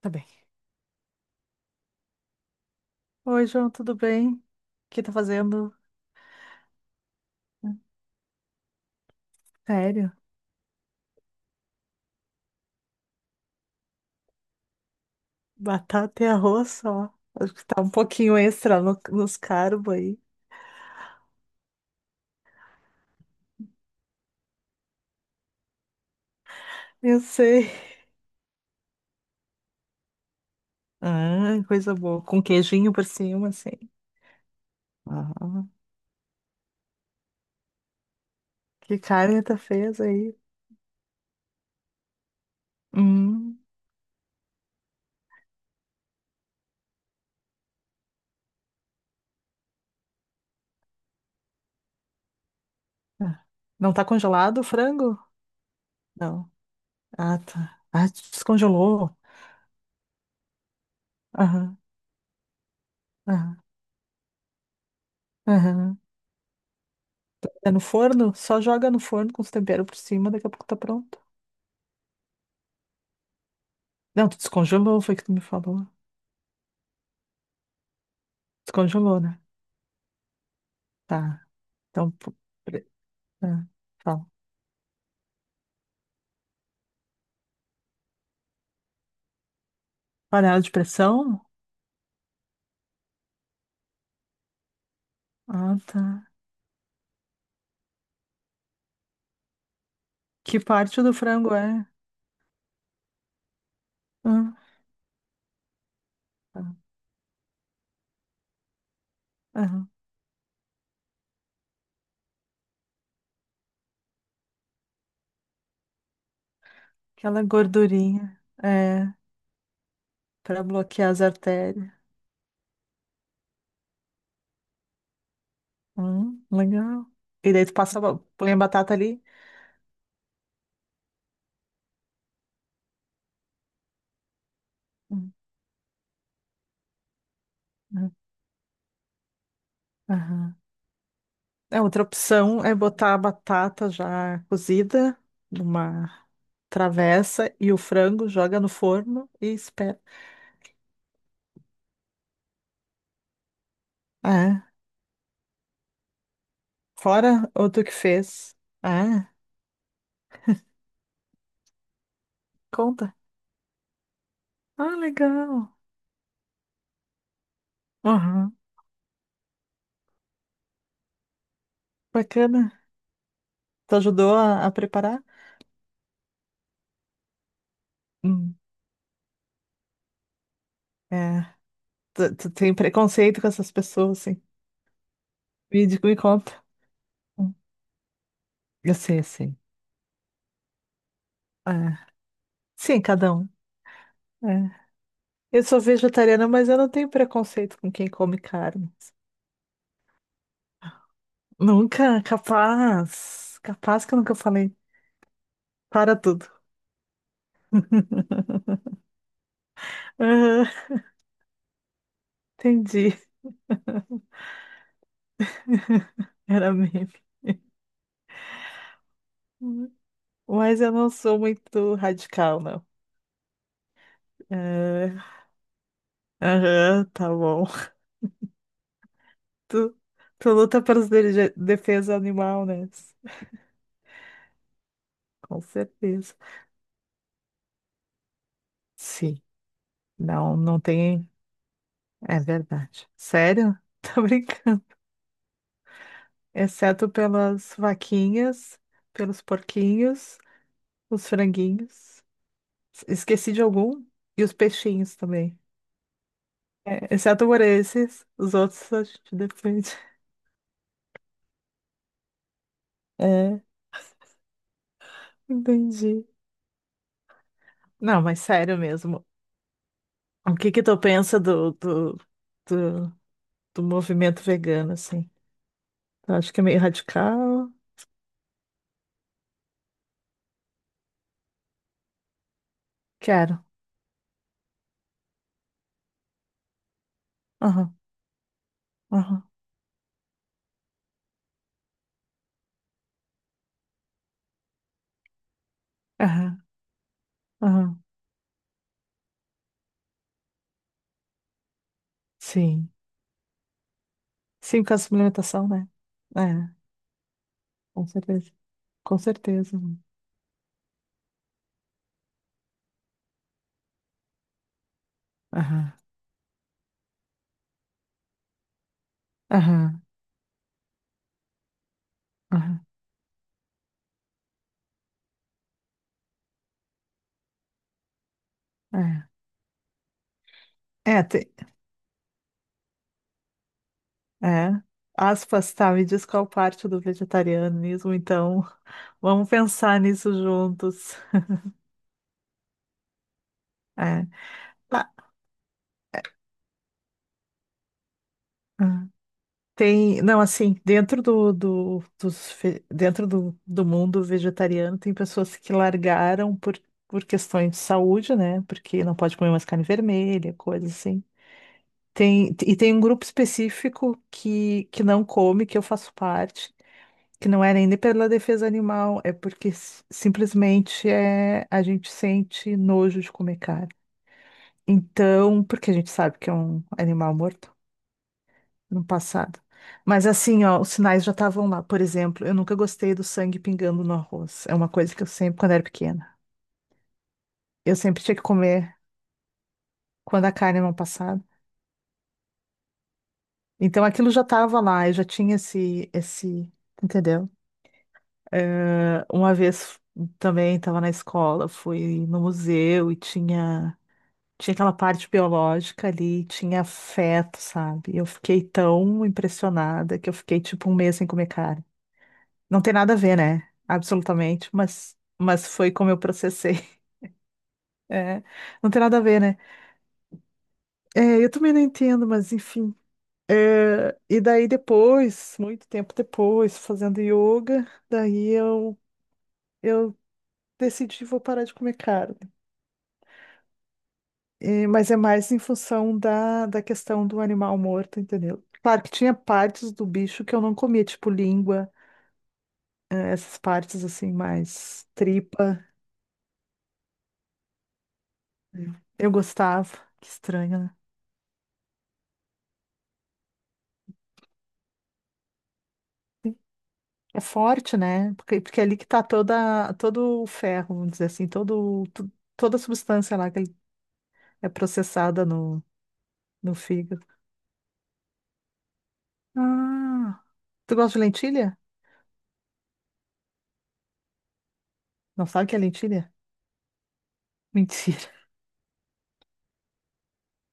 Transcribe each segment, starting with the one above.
Tá bem. Oi, João, tudo bem? O que tá fazendo? Sério? Batata e arroz só. Acho que tá um pouquinho extra no- nos carbos aí. Eu sei. Ah, coisa boa. Com queijinho por cima, assim. Ah, que carne tu fez aí? Hum. Ah, não tá congelado o frango? Não. Ah, tá. Ah, descongelou. Aham, aham, aham. É no forno? Só joga no forno com os temperos por cima, daqui a pouco tá pronto. Não, tu descongelou, foi o que tu me falou. Descongelou, né? Tá. Então, pu- pre- ah, fala. Panela de pressão? Ah, tá. Que parte do frango é? Ah, tá. Aham. Aquela gordurinha. É, pra bloquear as artérias. Legal. E daí tu passa, a ba- põe a batata ali. Hum, hum, aham. É, outra opção é botar a batata já cozida numa travessa e o frango joga no forno e espera. Ah, fora ou tu que fez? Ah, conta. Ah, legal. Aham, bacana. Tu ajudou a preparar? Hum. É, tu, tu tem preconceito com essas pessoas, assim. Me, diga- me conta. Hum, Eu sei, eu sei. É. Sim, cada um. É. Eu sou vegetariana, mas eu não tenho preconceito com quem come carne. Nunca, capaz. Capaz que eu nunca falei. Para tudo. Aham, entendi. Era meme. Hum. Mas eu não sou muito radical, não. É, aham, tá bom. Tu, tu luta pelos de- defesa animal, né? Com certeza. Sim, não, não tem. É verdade. Sério? Tô brincando. Exceto pelas vaquinhas, pelos porquinhos, os franguinhos. Esqueci de algum? E os peixinhos também. É, exceto por esses, os outros a gente defende. É, entendi. Não, mas sério mesmo. O que tu pensa do, do, do, do movimento vegano, assim? Eu acho que é meio radical. Quero. Aham, aham, aham, aham. Sim. Sim, por causa da suplementação, né? É, com certeza. Com certeza. Aham, aham, aham. É, é, tem, é. Aspas, tá, me diz qual parte do vegetarianismo, então. Vamos pensar nisso juntos. É. Tá. Tem, não, assim, dentro do, do, dos, fe- dentro do, do mundo vegetariano, tem pessoas que largaram por questões de saúde, né? Porque não pode comer mais carne vermelha, coisas assim. Tem, e tem um grupo específico que não come, que eu faço parte, que não é nem pela defesa animal, é porque s- simplesmente é, a gente sente nojo de comer carne. Então, porque a gente sabe que é um animal mortal no passado. Mas assim, ó, os sinais já estavam lá. Por exemplo, eu nunca gostei do sangue pingando no arroz. É uma coisa que eu sempre, quando era pequena, eu sempre tinha que comer quando a carne não passava. Então aquilo já estava lá, eu já tinha esse, esse, entendeu? Uma vez também estava na escola, fui no museu e tinha tinha aquela parte biológica ali, tinha feto, sabe? Eu fiquei tão impressionada que eu fiquei tipo um mês sem comer carne. Não tem nada a ver, né? Absolutamente, mas foi como eu processei. É, não tem nada a ver, né? É, eu também não entendo, mas enfim. É, e daí depois, muito tempo depois, fazendo yoga, daí eu decidi vou parar de comer carne. É, mas é mais em função da, da questão do animal morto, entendeu? Claro que tinha partes do bicho que eu não comia, tipo língua, é, essas partes assim, mais tripa. Eu gostava. Que estranho, né? É forte, né? Porque, porque é ali que tá toda, todo o ferro, vamos dizer assim, todo, tu- toda a substância lá que ele- é processada no, no fígado. Ah, tu gosta de lentilha? Não sabe o que é lentilha? Mentira.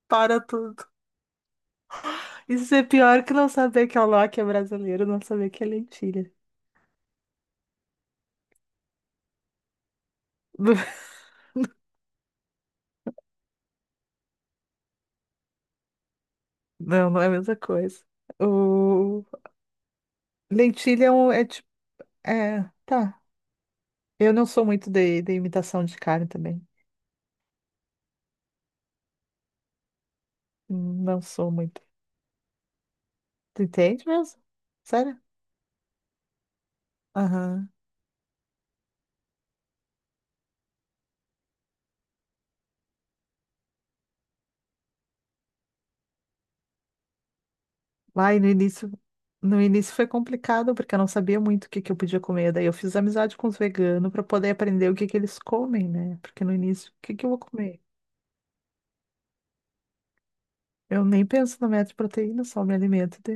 Para tudo. Isso é pior que não saber que é o Loki é brasileiro, não saber que é lentilha. Não, não é a mesma coisa. O... Lentilha é, um, é tipo. É, tá. Eu não sou muito de imitação de carne também. Não sou muito. Tu entende mesmo? Sério? Aham. Lá e no início, no início foi complicado, porque eu não sabia muito o que eu podia comer. Daí eu fiz amizade com os veganos para poder aprender o que eles comem, né? Porque no início, o que eu vou comer? Eu nem penso na meta de proteína, só me alimento de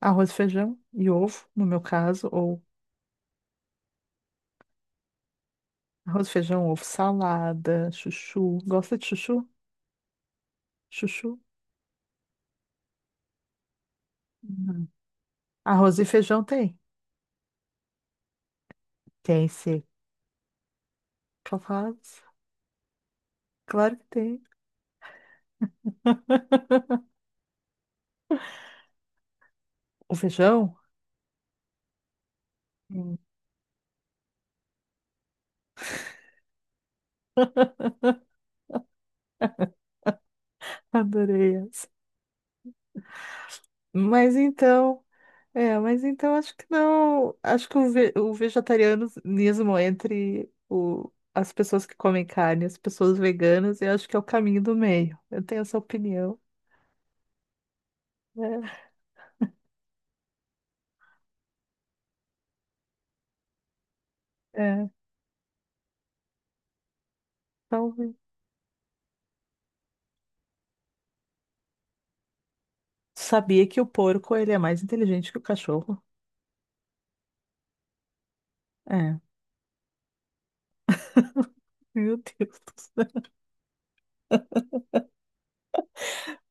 arroz, feijão e ovo, no meu caso, ou arroz, feijão, ovo, salada, chuchu. Gosta de chuchu? Chuchu? Não. Arroz e feijão tem? Tem, sim. Capaz? Claro que tem. O feijão? Hum. Adorei. Essa. Mas então, é, mas então acho que não, acho que o, ve- o vegetarianismo entre o, as pessoas que comem carne, as pessoas veganas, eu acho que é o caminho do meio. Eu tenho essa opinião. É, é, talvez. Sabia que o porco ele é mais inteligente que o cachorro? É. Meu Deus do céu,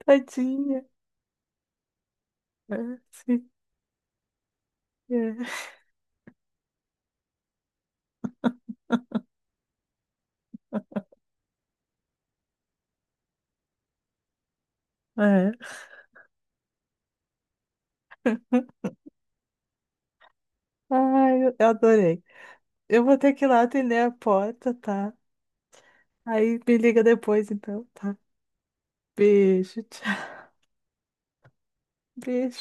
tadinha. É, sim, é. É. Ai, eu adorei. Eu vou ter que ir lá atender a porta, tá? Aí me liga depois, então, tá? Beijo, tchau. Beijo.